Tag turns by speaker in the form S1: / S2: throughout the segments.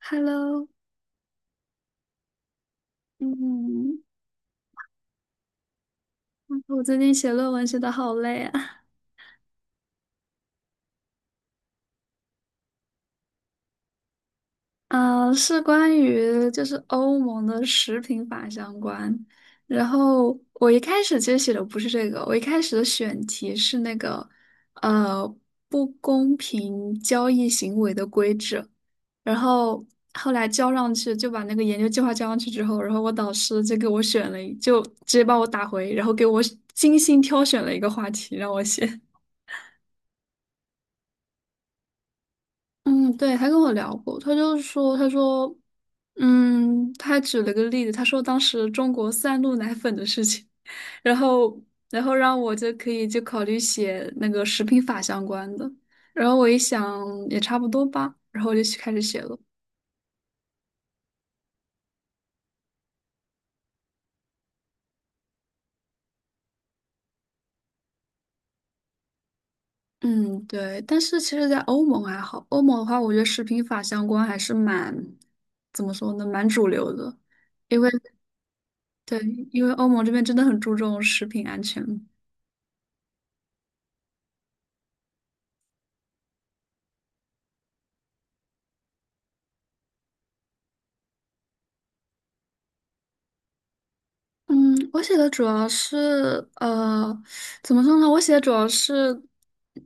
S1: Hello，嗯，哎我最近写论文写的好累啊。啊，是关于就是欧盟的食品法相关。然后我一开始其实写的不是这个，我一开始的选题是那个呃不公平交易行为的规制。然后后来交上去，就把那个研究计划交上去之后，然后我导师就给我选了一，就直接把我打回，然后给我精心挑选了一个话题让我写。嗯，对，他跟我聊过，他就是说，他说，嗯，他还举了个例子，他说当时中国三鹿奶粉的事情，然后，然后让我就可以就考虑写那个食品法相关的，然后我一想也差不多吧，然后我就去开始写了。嗯，对，但是其实，在欧盟还好，欧盟的话，我觉得食品法相关还是蛮，怎么说呢，蛮主流的，因为对，因为欧盟这边真的很注重食品安全。嗯，我写的主要是呃，怎么说呢？我写的主要是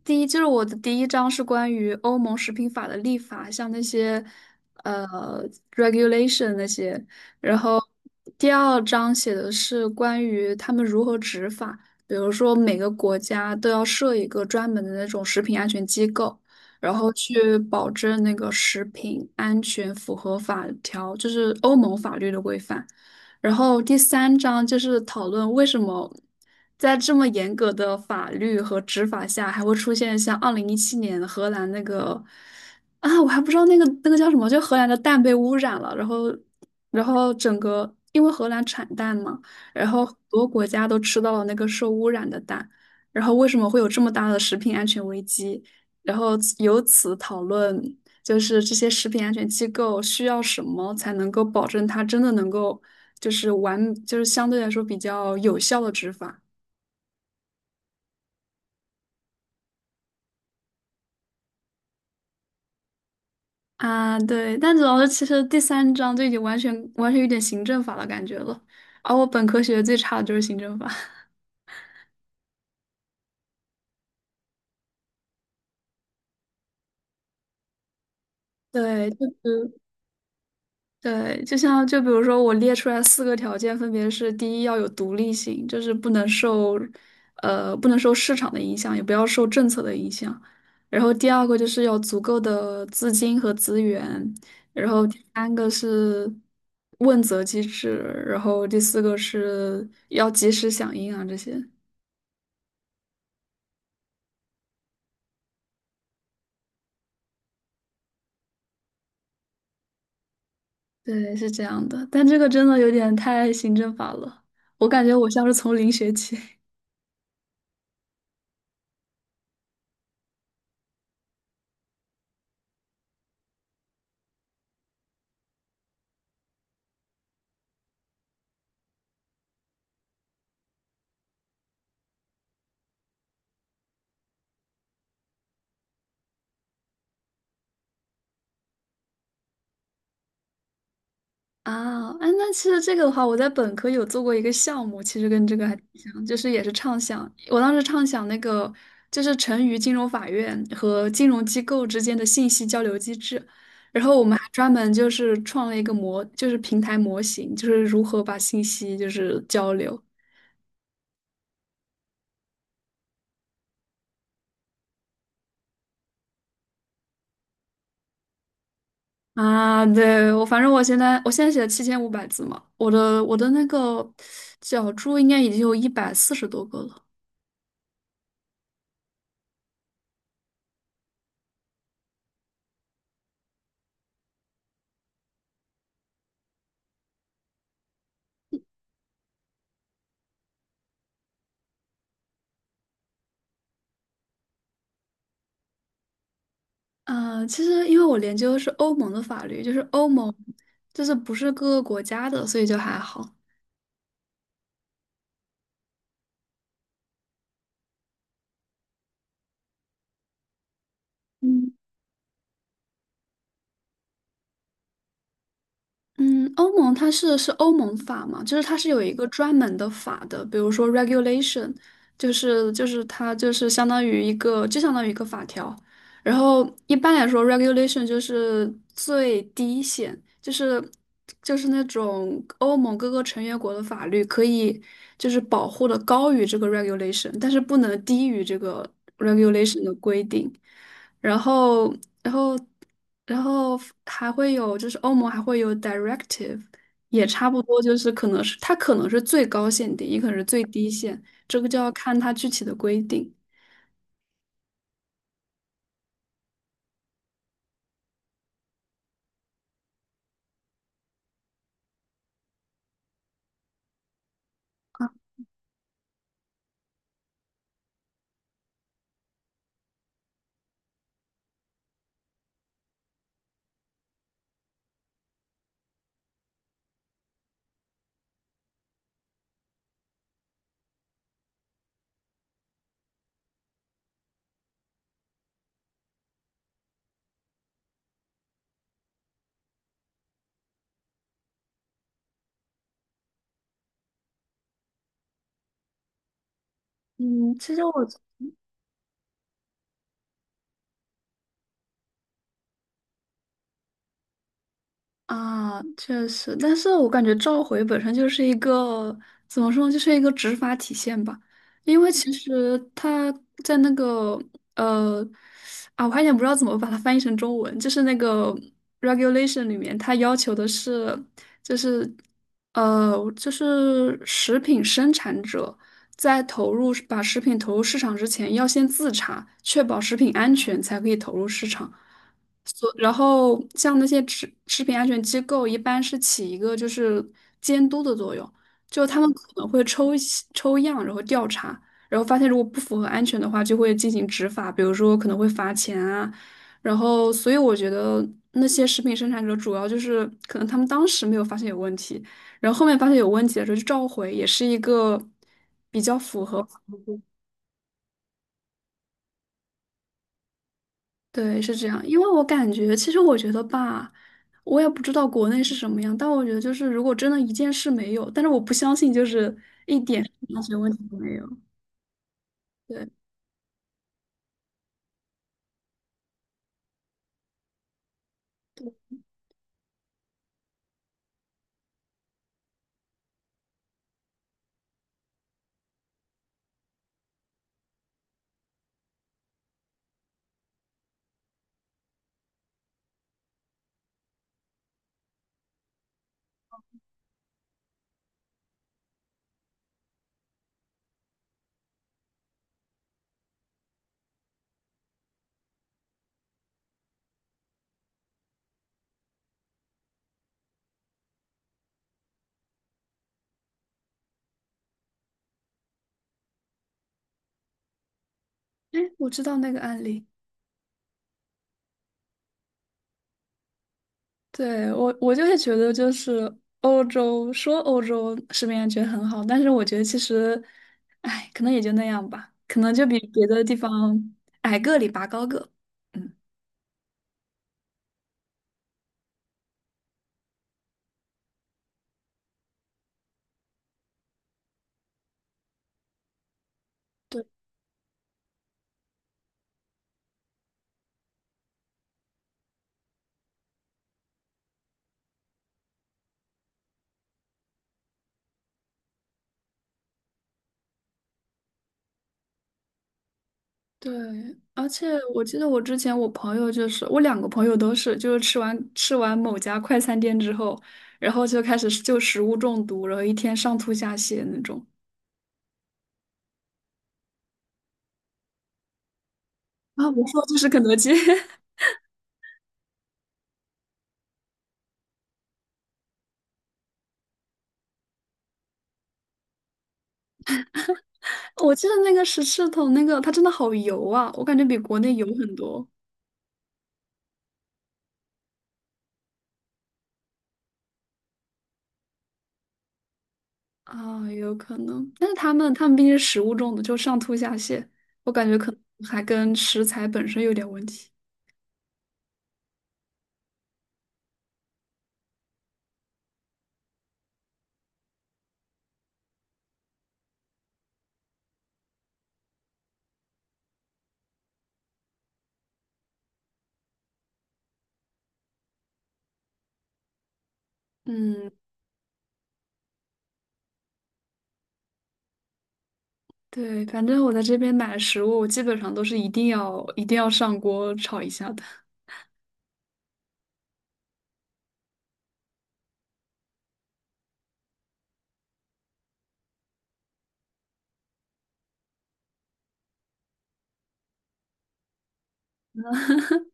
S1: 第一，就是我的第一章是关于欧盟食品法的立法，像那些呃 regulation 那些。然后第二章写的是关于他们如何执法，比如说每个国家都要设一个专门的那种食品安全机构，然后去保证那个食品安全符合法条，就是欧盟法律的规范。然后第三章就是讨论为什么在这么严格的法律和执法下，还会出现像2017年荷兰那个啊，我还不知道那个叫什么，就荷兰的蛋被污染了，然后整个因为荷兰产蛋嘛，然后很多国家都吃到了那个受污染的蛋，然后为什么会有这么大的食品安全危机？然后由此讨论，就是这些食品安全机构需要什么才能够保证它真的能够。就是完，就是相对来说比较有效的执法。啊，对，但主要是其实第三章就已经完全有点行政法的感觉了，而我本科学的最差的就是行政法。对，就是对，就像就比如说，我列出来四个条件，分别是：第一，要有独立性，就是不能受，不能受市场的影响，也不要受政策的影响；然后第二个就是要足够的资金和资源；然后第三个是问责机制；然后第四个是要及时响应啊，这些。对，是这样的，但这个真的有点太行政法了，我感觉我像是从零学起。啊，哎，那其实这个的话，我在本科有做过一个项目，其实跟这个还挺像，就是也是畅想。我当时畅想那个就是成渝金融法院和金融机构之间的信息交流机制，然后我们还专门就是创了一个模，就是平台模型，就是如何把信息就是交流。啊，对，我反正我现在写了7500字嘛，我的那个脚注应该已经有140多个了。其实因为我研究的是欧盟的法律，就是欧盟，就是不是各个国家的，所以就还好。嗯。嗯，欧盟它是欧盟法嘛，就是它是有一个专门的法的，比如说 regulation，就是它就是相当于一个，就相当于一个法条。然后一般来说，regulation 就是最低限，就是那种欧盟各个成员国的法律可以就是保护的高于这个 regulation，但是不能低于这个 regulation 的规定。然后，然后。然后还会有，就是欧盟还会有 directive，也差不多，就是可能是它可能是最高限定，也可能是最低限，这个就要看它具体的规定。嗯，其实啊，确实，但是我感觉召回本身就是一个怎么说呢，就是一个执法体现吧。因为其实他在那个呃啊，我还有点不知道怎么把它翻译成中文，就是那个 regulation 里面，它要求的是就是就是食品生产者在投入把食品投入市场之前，要先自查，确保食品安全才可以投入市场。然后像那些食品安全机构，一般是起一个就是监督的作用，就他们可能会抽一些抽样，然后调查，然后发现如果不符合安全的话，就会进行执法，比如说可能会罚钱啊。然后，所以我觉得那些食品生产者主要就是可能他们当时没有发现有问题，然后后面发现有问题的时候就召回，也是一个比较符合。对，是这样，因为我感觉，其实我觉得吧，我也不知道国内是什么样，但我觉得就是，如果真的一件事没有，但是我不相信就是一点安全问题都没有。对，哎，我知道那个案例，对，我就是觉得就是欧洲说欧洲食品安全很好，但是我觉得其实，哎，可能也就那样吧，可能就比别的地方矮个里拔高个。嗯。对。对，而且我记得我之前我朋友就是我两个朋友都是，就是吃完某家快餐店之后，然后就开始就食物中毒，然后一天上吐下泻那种。啊，我说就是肯德基，我记得那个十字桶那个它真的好油啊，我感觉比国内油很多啊，有可能。但是他们毕竟是食物中毒，就上吐下泻，我感觉可能还跟食材本身有点问题。嗯，对，反正我在这边买食物，我基本上都是一定要一定要上锅炒一下的。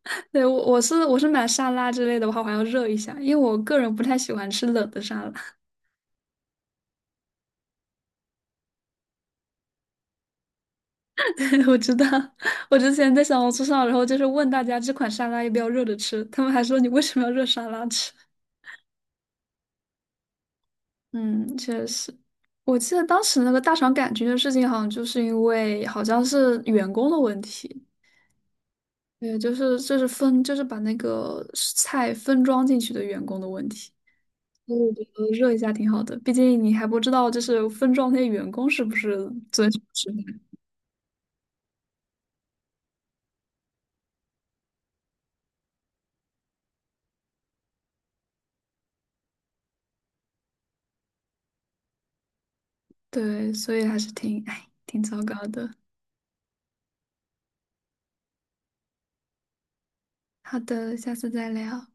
S1: 对，我是买沙拉之类的，我还要热一下，因为我个人不太喜欢吃冷的沙拉。对，我知道，我之前在小红书上，然后就是问大家这款沙拉要不要热着吃，他们还说你为什么要热沙拉吃？嗯，确实。我记得当时那个大肠杆菌的事情，好像就是因为好像是员工的问题，对，就是就是分就是把那个菜分装进去的员工的问题。我觉得热一下挺好的，毕竟你还不知道就是分装那些员工是不是遵守吃饭。对，所以还是挺，哎，挺糟糕的。好的，下次再聊。